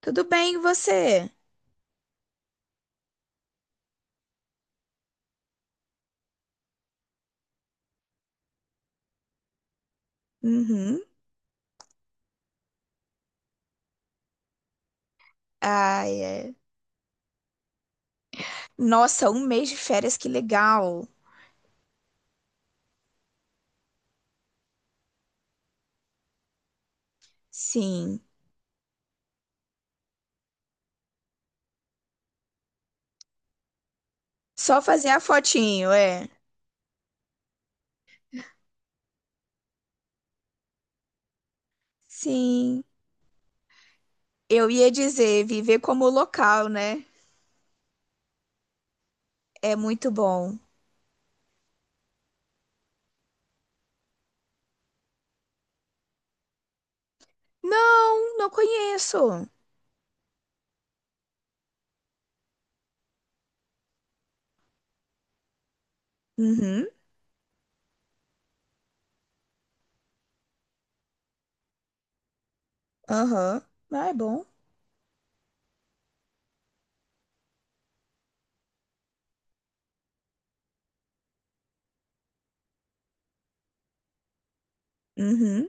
Tudo bem, e você? Uhum. Ai, é. Nossa, um mês de férias, que legal. Sim. Só fazer a fotinho, é. Sim. Eu ia dizer, viver como local, né? É muito bom. Não, não conheço. Uhum. Aham. Ah, é bom. Uhum.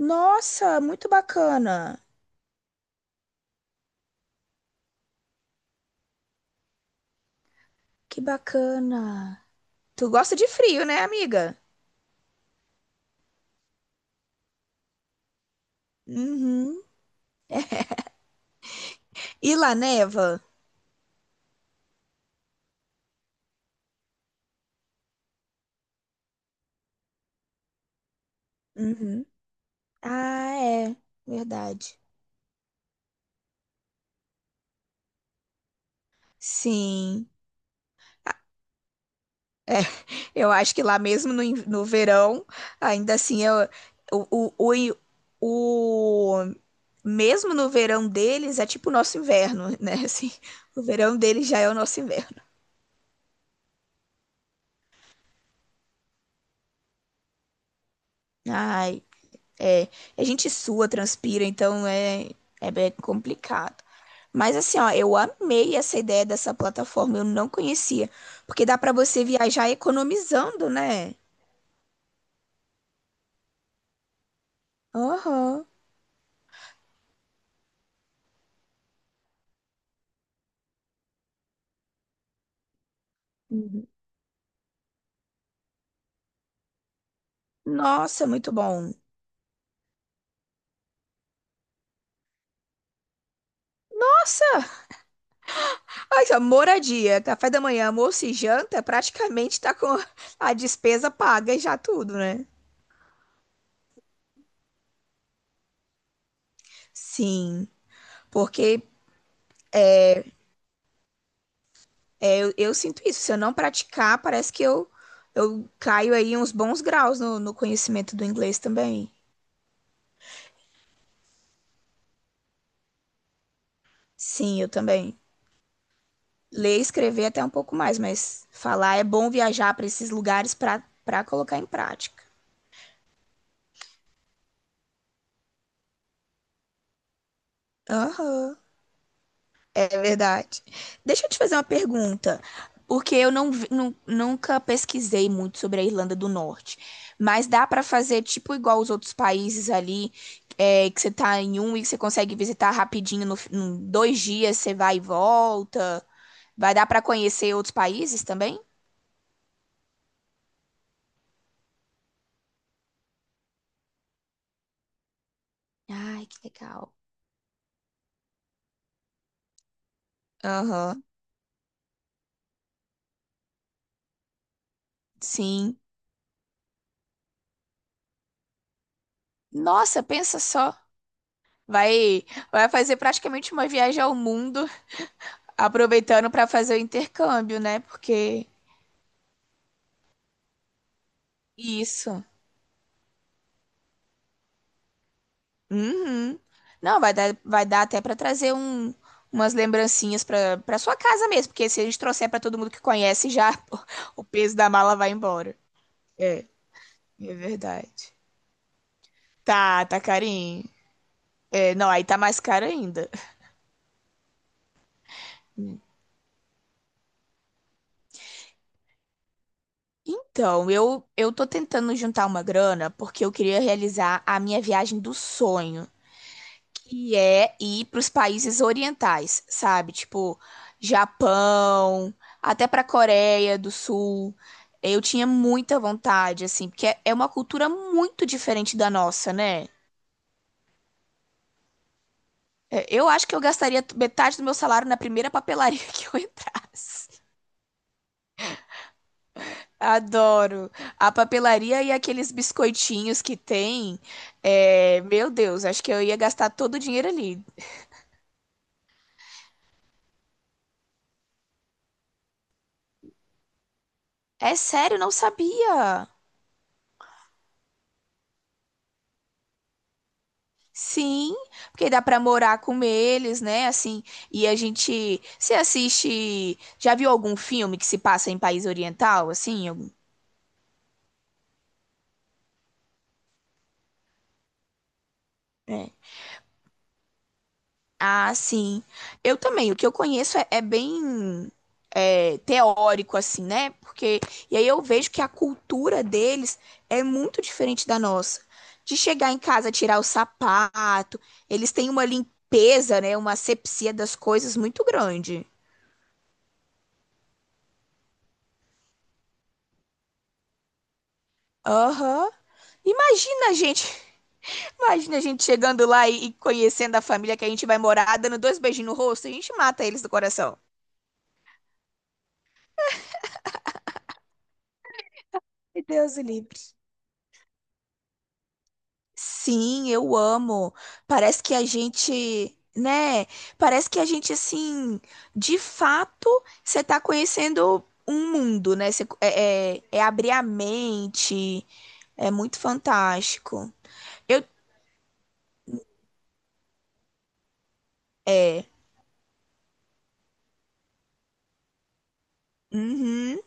Nossa, muito bacana. Que bacana. Tu gosta de frio, né, amiga? Uhum. E lá neva? Uhum. Ah, é, verdade. Sim. Ah, é, eu acho que lá mesmo no verão, ainda assim, eu, o, o, o- mesmo no verão deles é tipo o nosso inverno, né? Assim, o verão deles já é o nosso inverno. Ai, é. A gente sua, transpira, então é bem complicado. Mas assim, ó, eu amei essa ideia dessa plataforma, eu não conhecia, porque dá pra você viajar economizando, né? Aham. Uhum. Nossa, muito bom. Nossa, ai, só, moradia, café da manhã, almoço e janta, praticamente tá com a despesa paga e já tudo, né? Sim, porque é, eu sinto isso. Se eu não praticar, parece que eu caio aí uns bons graus no, no conhecimento do inglês também. Sim, eu também. Ler e escrever até um pouco mais, mas falar é bom viajar para esses lugares para para colocar em prática. Aham. É verdade. Deixa eu te fazer uma pergunta, porque eu não, vi- nu- nunca pesquisei muito sobre a Irlanda do Norte, mas dá pra fazer tipo igual os outros países ali, é, que você tá em um e que você consegue visitar rapidinho, no, fi- em dois dias você vai e volta. Vai dar pra conhecer outros países também? Ai, que legal. Aham, sim. Nossa, pensa só. Vai, vai fazer praticamente uma viagem ao mundo, aproveitando pra fazer o intercâmbio, né? Porque isso. Uhum. Não, vai dar até pra trazer um, umas lembrancinhas pra para sua casa mesmo, porque se a gente trouxer pra todo mundo que conhece, já o peso da mala vai embora. É, é verdade. Tá, tá carinho. É, não, aí tá mais caro ainda. Então, eu tô tentando juntar uma grana porque eu queria realizar a minha viagem dos sonhos. Que é ir para os países orientais, sabe? Tipo, Japão, até para Coreia do Sul. Eu tinha muita vontade, assim, porque é uma cultura muito diferente da nossa, né? É, eu acho que eu gastaria metade do meu salário na primeira papelaria que eu entrasse. Adoro. A papelaria e aqueles biscoitinhos que tem. É, meu Deus, acho que eu ia gastar todo o dinheiro ali. É sério, não sabia. Sim, porque dá pra morar com eles, né? Assim, e a gente se assiste. Já viu algum filme que se passa em país oriental, assim? Algum- é. Ah, sim. Eu também. O que eu conheço é bem é, teórico, assim, né? Porque e aí eu vejo que a cultura deles é muito diferente da nossa. De chegar em casa, tirar o sapato, eles têm uma limpeza, né? Uma asepsia das coisas muito grande. Aham. Imagina, gente. Imagina a gente chegando lá e conhecendo a família que a gente vai morar, dando dois beijinhos no rosto, a gente mata eles do coração. E Deus o livre. Sim, eu amo. Parece que a gente, né? Parece que a gente, assim, de fato, você tá conhecendo um mundo, né? Você, é abrir a mente, é muito fantástico. Eu, é, uhum,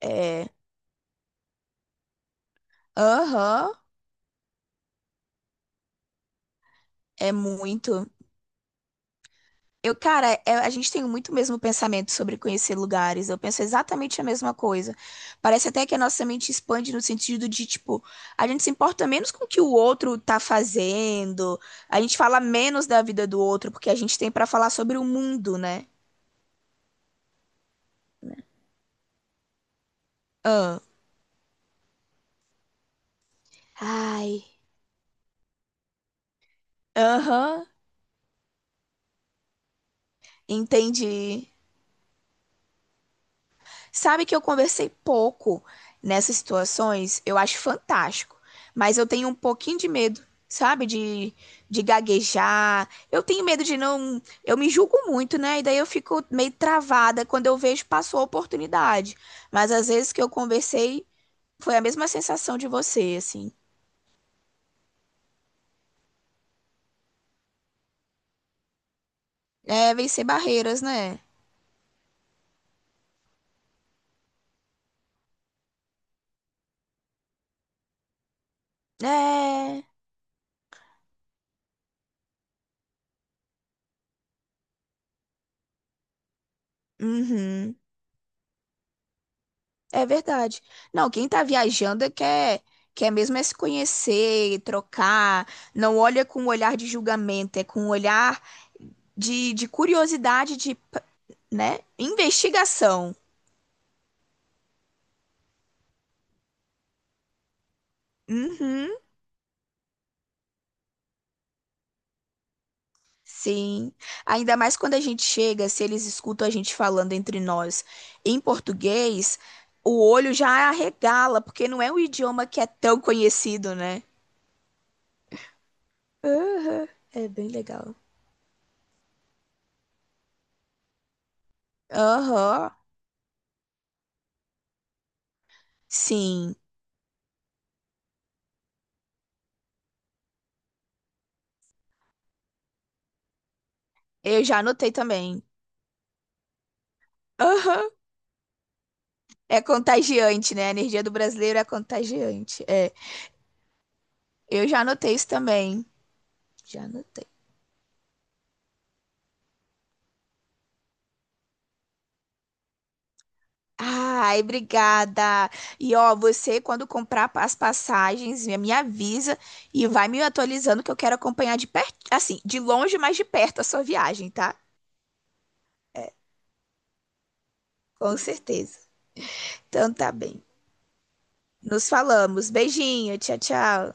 é, aham, é muito. Eu, cara, é- a gente tem muito o mesmo pensamento sobre conhecer lugares. Eu penso exatamente a mesma coisa. Parece até que a nossa mente expande no sentido de, tipo, a gente se importa menos com o que o outro tá fazendo, a gente fala menos da vida do outro, porque a gente tem pra falar sobre o mundo, né? Ah. Ai. Aham. Entendi. Sabe que eu conversei pouco nessas situações, eu acho fantástico, mas eu tenho um pouquinho de medo, sabe? De gaguejar. Eu tenho medo de não. Eu me julgo muito, né? E daí eu fico meio travada quando eu vejo passou a oportunidade. Mas às vezes que eu conversei, foi a mesma sensação de você, assim. É vencer barreiras, né? É. Uhum. É verdade. Não, quem tá viajando é quer, quer mesmo é se conhecer, trocar, não olha com um olhar de julgamento, é com um olhar de curiosidade, de, né, investigação. Uhum, sim. Ainda mais quando a gente chega, se eles escutam a gente falando entre nós em português, o olho já arregala, porque não é um idioma que é tão conhecido, né? Aham, é bem legal. Aham, sim. Eu já anotei também. Aham. É contagiante, né? A energia do brasileiro é contagiante. É, eu já anotei isso também. Já anotei. Ai, obrigada. E ó, você quando comprar as passagens, me avisa e vai me atualizando que eu quero acompanhar de perto, assim, de longe, mas de perto a sua viagem, tá? Com certeza. Então tá bem. Nos falamos. Beijinho, tchau, tchau.